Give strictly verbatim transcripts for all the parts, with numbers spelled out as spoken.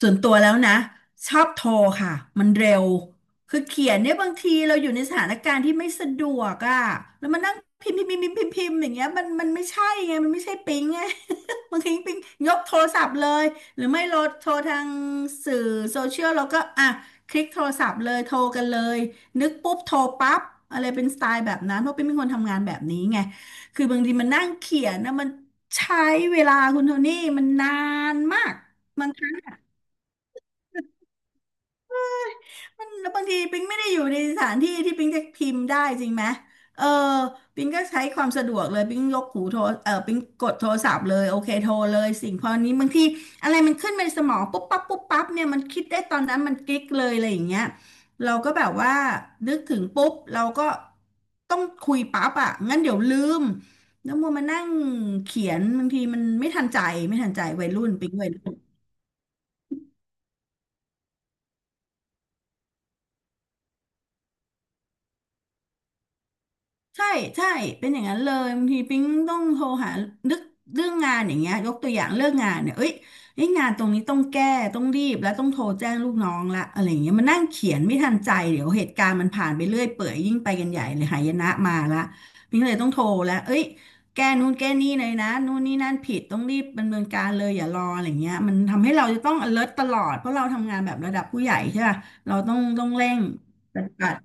ส่วนตัวแล้วนะชอบโทรค่ะมันเร็วคือเขียนเนี่ยบางทีเราอยู่ในสถานการณ์ที่ไม่สะดวกอ่ะแล้วมานั่งพิมพ์พิมพ์พิมพ์พิมพ์พิมพ์อย่างเงี้ยมันมันไม่ใช่ไงมันไม่ใช่ปิ๊งไง บางทีปิ๊งยกโทรศัพท์เลยหรือไม่โหลดโทรทางสื่อโซเชียลเราก็อ่ะคลิกโทรศัพท์เลยโทรกันเลยนึกปุ๊บโทรปั๊บอะไรเป็นสไตล์แบบนั้นเพราะปิ๊งเป็นคนทำงานแบบนี้ไงคือบางทีมันนั่งเขียนนะมันใช้เวลาคุณโทนี่มันนานมาก มันแล้วบางทีปิงไม่ได้อยู่ในสถานที่ที่ปิงจะพิมพ์ได้จริงไหมเออปิงก็ใช้ความสะดวกเลยปิงยกหูโทรเออปิงกดโทรศัพท์เลยโอเคโทรเลยสิ่งพอนี้บางทีอะไรมันขึ้นมาในสมองปุ๊บปั๊บปุ๊บปั๊บเนี่ยมันคิดได้ตอนนั้นมันกิ๊กเลยอะไรอย่างเงี้ยเราก็แบบว่านึกถึงปุ๊บเราก็ต้องคุยปั๊บอ่ะงั้นเดี๋ยวลืมแล้วมัวมานั่งเขียนบางทีมันไม่ทันใจไม่ทันใจวัยรุ่นปิ๊งวัยรุ่น ใช่ใช่เป็นอย่างนั้นเลยบางทีปิ๊งต้องโทรหานึกเรื่องงานอย่างเงี้ยยกตัวอย่างเรื่องงานเนี่ยเอ้ยเอ้ยงานตรงนี้ต้องแก้ต้องรีบแล้วต้องโทรแจ้งลูกน้องละอะไรอย่างเงี้ยมันนั่งเขียนไม่ทันใจเดี๋ยวเหตุการณ์มันผ่านไปเรื่อยเปื่อยยิ่งไปกันใหญ่เลยหายนะมาละปิ๊งเลยต้องโทรแล้วเอ้ยแก้นู่นแก้นี่เลยนะนู่นนี่นั่นผิดต้องรีบดำเนินการเลยอย่ารออะไรเงี้ยมันทำให้เราจะต้อง alert ตลอดเพราะเราทำงานแบบระดับผู้ใหญ่ใช่ป่ะเราต้องต้องเร่งปฏิบัติ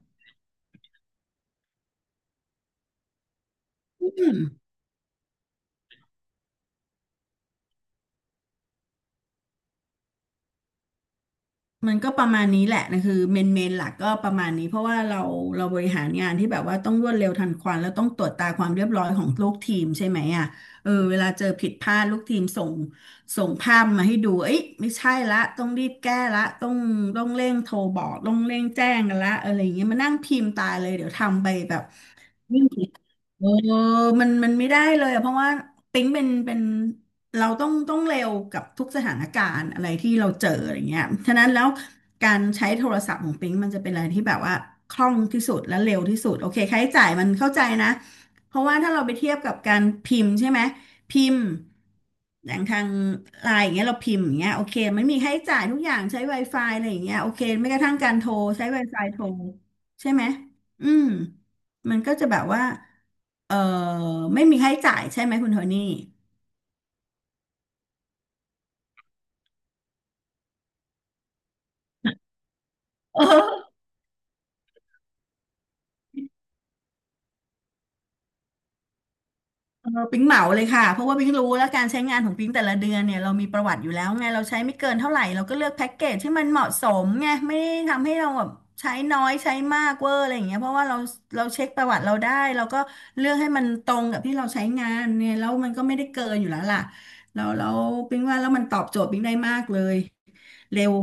มันก็ประมาณนี้แหละนะคือเมนเมนหลักก็ประมาณนี้เพราะว่าเราเราบริหารงานที่แบบว่าต้องรวดเร็วทันควันแล้วต้องตรวจตาความเรียบร้อยของลูกทีมใช่ไหมอ่ะเออเวลาเจอผิดพลาดลูกทีมส่งส่งภาพมาให้ดูเอ้ยไม่ใช่ละต้องรีบแก้ละต้องต้องเร่งโทรบอกต้องเร่งแจ้งกันละอะไรอย่างเงี้ยมานั่งพิมพ์ตายเลยเดี๋ยวทำไปแบบ ไม่มีเออมันมันไม่ได้เลยอะเพราะว่าปิ๊งเป็นเป็นเราต้องต้องเร็วกับทุกสถานการณ์อะไรที่เราเจออะไรเงี้ยฉะนั้นแล้วการใช้โทรศัพท์ของปิ๊งมันจะเป็นอะไรที่แบบว่าคล่องที่สุดและเร็วที่สุดโอเคค่าใช้จ่ายมันเข้าใจนะเพราะว่าถ้าเราไปเทียบกับการพิมพ์ใช่ไหมพิมพ์อย่างทางไลน์อย่างเงี้ยเราพิมพ์อย่างเงี้ยโอเคมันมีค่าใช้จ่ายทุกอย่างใช้ Wi-Fi อะไรอย่างเงี้ยโอเคไม่กระทั่งการโทรใช้ Wi-Fi โทรใช่ไหมอืม มันก็จะแบบว่าเออไม่มีค่าใช้จ่ายใช่ไหมคุณโทนี่เออเออปิ๊งเหมาเลยค่ะเพราะว่าปิ๊งรู้แล้วการใช้งานของปิ๊งแต่ละเดือนเนี่ยเรามีประวัติอยู่แล้วไงเราใช้ไม่เกินเท่าไหร่เราก็เลือกแพ็กเกจที่มันเหมาะสมไงไม่ได้ทำให้เราแบบใช้น้อยใช้มากเวอร์อะไรอย่างเงี้ยเพราะว่าเราเราเช็คประวัติเราได้เราก็เลือกให้มันตรงกับที่เราใช้งานเนี่ยแล้วมันก็ไม่ได้เกินอยู่แล้วล่ะแล้วแล้วปิ๊งว่าแล้วมันตอบโจทย์ปิ๊งได้มากเลยเร็ว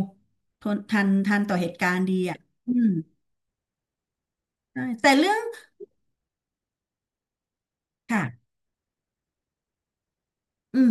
ทนทันทันต่อเหตุการณ์ดีอ่ะอืม ใช่แต่เรื่องค่ะอืม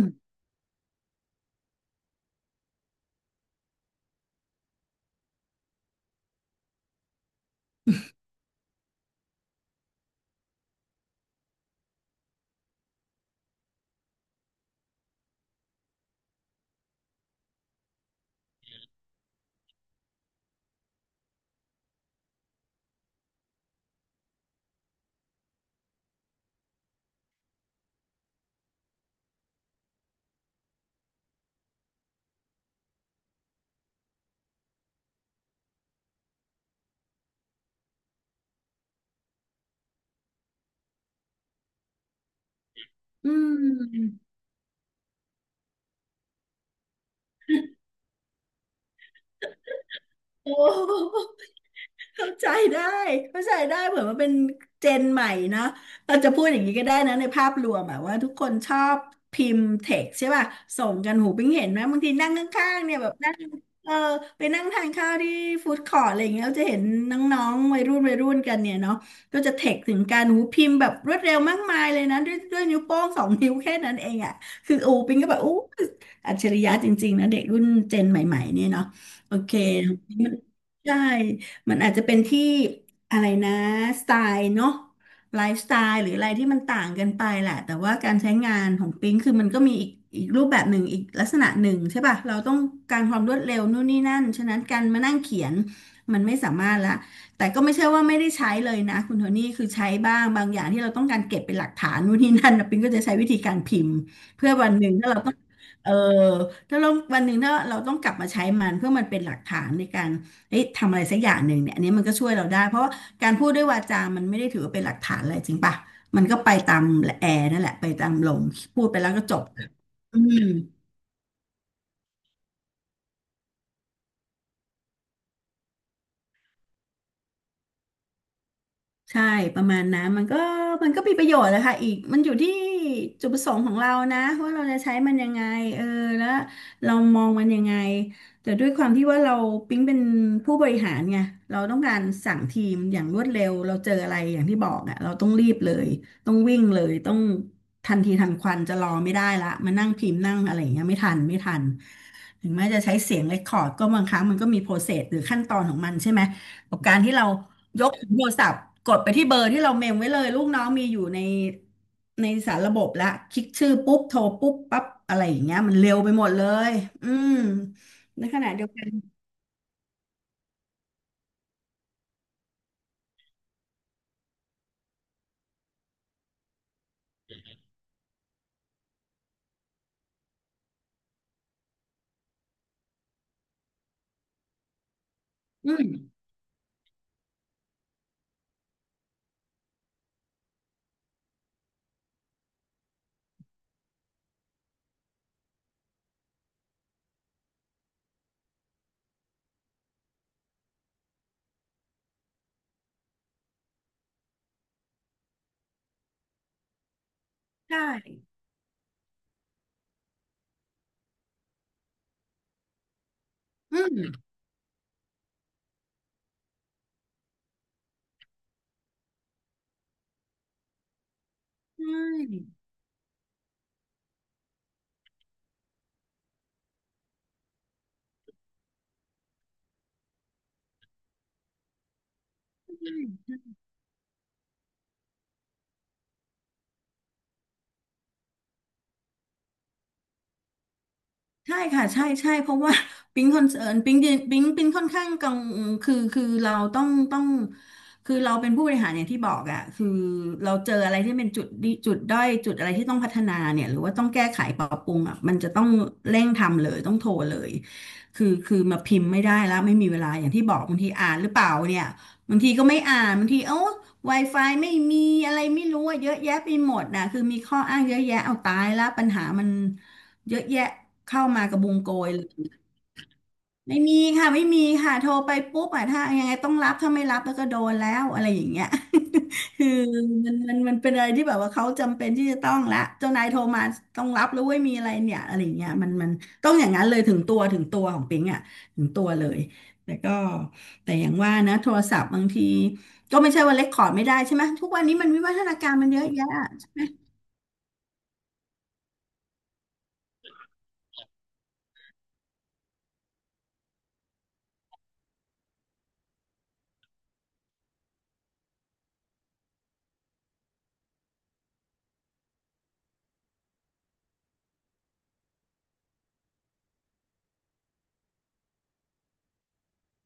อืมโอ้ เข้าใจได้เข้าใจได้เผื่อมันเป็นเจนใหม่นะเราจะพูดอย่างนี้ก็ได้นะในภาพรวมอะว่าทุกคนชอบพิมพ์เท็กใช่ป่ะส่งกันหูปิ้งเห็นไหมบางทีนั่งข้างๆเนี่ยแบบนั่งเออไปนั่งทานข้าวที่ฟู้ดคอร์ทอะไรอย่างเงี้ยเราจะเห็นน้องๆวัยรุ่นวัยรุ่นกันเนี่ยเนาะก็จะเท็กถึงการหูพิมพ์แบบรวดเร็วมากมายเลยนะด้วยด้วยนิ้วโป้งสองนิ้วแค่นั้นเองอะคือโอ้ปิ้งก็แบบอู้อัจฉริยะจริงๆนะเด็กรุ่นเจนใหม่ๆเนี่ยเนาะโอเคใช่ มันอาจจะเป็นที่อะไรนะสไตล์เนาะไลฟ์สไตล์หรืออะไรที่มันต่างกันไปแหละแต่ว่าการใช้งานของปิ๊งคือมันก็มีอีกอีกรูปแบบหนึ่งอีกลักษณะหนึ่งใช่ป่ะเราต้องการความรวดเร็วนู่นนี่นั่นฉะนั้นการมานั่งเขียนมันไม่สามารถละแต่ก็ไม่ใช่ว่าไม่ได้ใช้เลยนะคุณโทนี่คือใช้บ้างบางอย่างที่เราต้องการเก็บเป็นหลักฐานนู่นนี่นั่นนะปิ๊งก็จะใช้วิธีการพิมพ์เพื่อวันหนึ่งถ้าเราต้องเออถ้าเราวันหนึ่งถ้าเราต้องกลับมาใช้มันเพื่อมันเป็นหลักฐานในการ เอ้ยทำอะไรสักอย่างหนึ่งเนี่ยอันนี้มันก็ช่วยเราได้เพราะว่าการพูดด้วยวาจามันไม่ได้ถือว่าเป็นหลักฐานอะไรจริงป่ะ มันก็ไปตามแอร์นั่นแหละไปตามลมพูดไปแล้วก็จบอืม ใช่ประมาณนั้นมันก็มันก็มีประโยชน์แหละค่ะอีกมันอยู่ที่จุดประสงค์ของเรานะว่าเราจะใช้มันยังไงเออแล้วเรามองมันยังไงแต่ด้วยความที่ว่าเราปิ๊งเป็นผู้บริหารไงเราต้องการสั่งทีมอย่างรวดเร็วเราเจออะไรอย่างที่บอกอ่ะเราต้องรีบเลยต้องวิ่งเลยต้องทันทีทันควันจะรอไม่ได้ละมานั่งพิมพ์นั่งอะไรอย่างเงี้ยไม่ทันไม่ทันถึงแม้จะใช้เสียงเรคคอร์ดก็บางครั้งมันก็มีโปรเซสหรือขั้นตอนของมันใช่ไหมกับการที่เรา ยกโทรศัพท์กดไปที่เบอร์ที่เราเมมไว้เลยลูกน้องมีอยู่ในในสารระบบละคลิกชื่อปุ๊บโทรปุ๊บปั๊บอะไรอย่างเงี้ยมันเร็วไปหมดเลยอืมในขณะเดียวกันอืมใช่อืมใช่ ใช่ค่ะใช่ใช่เพราะว่า ปิ๊งคอนเซิร์นปิ๊งเนยปิ๊งปิ๊งค่อนข้างกังคือคือเราต้องต้องคือเราเป็นผู้บริหารอย่างที่บอกอ่ะคือเราเจออะไรที่เป็นจุดดีจุดด้อยจุดอะไรที่ต้องพัฒนาเนี่ยหรือว่าต้องแก้ไขปรับปรุงอ่ะมันจะต้องเร่งทำเลยต้องโทรเลยคือคือมาพิมพ์ไม่ได้แล้วไม่มีเวลาอย่างที่บอกบางทีอ่านหรือเปล่าเนี่ยบางทีก็ไม่อ่านบางทีเอ้า Wi-Fi ไม่มีอะไรไม่รู้อะเยอะแยะไปหมดนะคือมีข้ออ้างเยอะแยะเอาตายแล้วปัญหามัน เยอะแยะเข้ามากระบุงโกยเลยไม่มีค่ะไม่มีค่ะโทรไปปุ๊บอ่ะถ้ายังไงต้องรับถ้าไม่รับแล้วก็โดนแล้วอะไรอย่างเงี้ย คือมันมันมันเป็นอะไรที่แบบว่าเขาจำเป็นที่จะต้องละเจ้านายโทรมาต้องรับแล้วเว้ยมีอะไรเนี่ยอะไรอย่างเงี้ยมันมันต้องอย่างนั้นเลยถึงตัวถึงตัวของปิงอ่ะถึงตัวเลยแต่ก็แต่อย่างว่านะโทรศัพท์บางทีก็ไม่ใช่ว่าเล็กคอร์ดไม่ได้ใช่ไหมทุกวันนี้มันวิวัฒนาการมันเยอะแยะ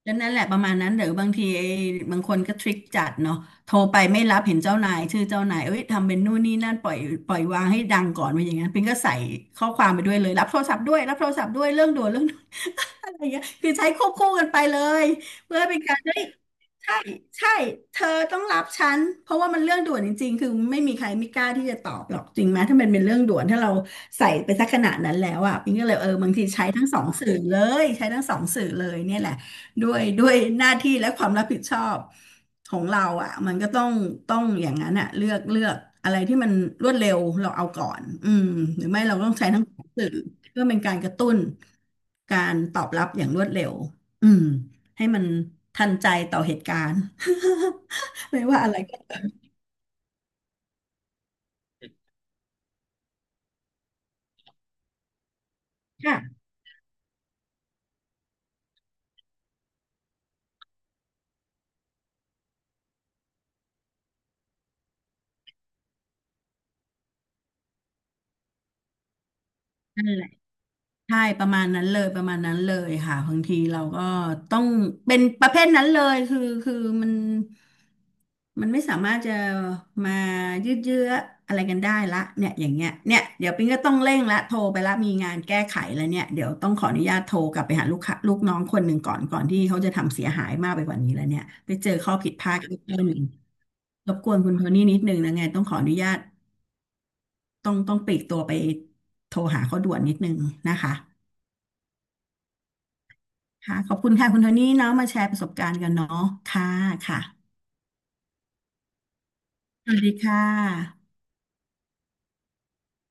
ก็นั่นแหละประมาณนั้นหรือบางทีไอ้บางคนก็ทริคจัดเนาะโทรไปไม่รับเห็นเจ้านายชื่อเจ้านายเอ้ยทำเป็นนู่นนี่นั่นปล่อยปล่อยวางให้ดังก่อนไปอย่างนั้นปิงก็ใส่ข้อความไปด้วยเลยรับโทรศัพท์ด้วยรับโทรศัพท์ด้วยเรื่องด่วนเรื่องด่วนอะไรเงี้ยคือใช้ควบคู่กันไปเลยเพื่อเป็นการได้ ใช่ใช่เธอต้องรับฉันเพราะว่ามันเรื่องด่วนจริงๆคือไม่มีใครไม่กล้าที่จะตอบหรอกจริงไหมถ้ามันเป็นเรื่องด่วนถ้าเราใส่ไปสักขนาดนั้นแล้วอ่ะปิงก็เลยเออบางทีใช้ทั้งสองสื่อเลยใช้ทั้งสองสื่อเลยเนี่ยแหละด้วยด้วยหน้าที่และความรับผิดชอบของเราอ่ะมันก็ต้องต้องอย่างนั้นอ่ะเลือกเลือกอะไรที่มันรวดเร็วเราเอาก่อนอืมหรือไม่เราต้องใช้ทั้งสองสื่อเพื่อเป็นการกระตุ้นการตอบรับอย่างรวดเร็วอืม ให้มันทันใจต่อเหตุการณ์ ไม่ว่าอะไรก็ค่ะนั่นแหละ ใช่ประมาณนั้นเลยประมาณนั้นเลยค่ะบางทีเราก็ต้องเป็นประเภทนั้นเลยคือคือมันมันไม่สามารถจะมายืดเยื้ออะไรกันได้ละเนี่ยอย่างเงี้ยเนี่ยเดี๋ยวปิ๊งก็ต้องเร่งละโทรไปละมีงานแก้ไขแล้วเนี่ยเดี๋ยวต้องขออนุญาตโทรกลับไปหาลูกค้าลูกน้องคนหนึ่งก่อนก่อนที่เขาจะทำเสียหายมากไปกว่านี้แล้วเนี่ยไปเจอข้อผิดพลาดอีกเรื่องหนึ่งรบกวนคุณโทนี่นิดนึงนะไงต้องขออนุญาตต้องต้องปลีกตัวไปโทรหาเขาด่วนนิดนึงนะคะ ค่ะขอบคุณค่ะคุณโทนี่เนาะมาแชร์ประสบการณ์กันเนาะค่ะค่ะสวัสดีค่ะ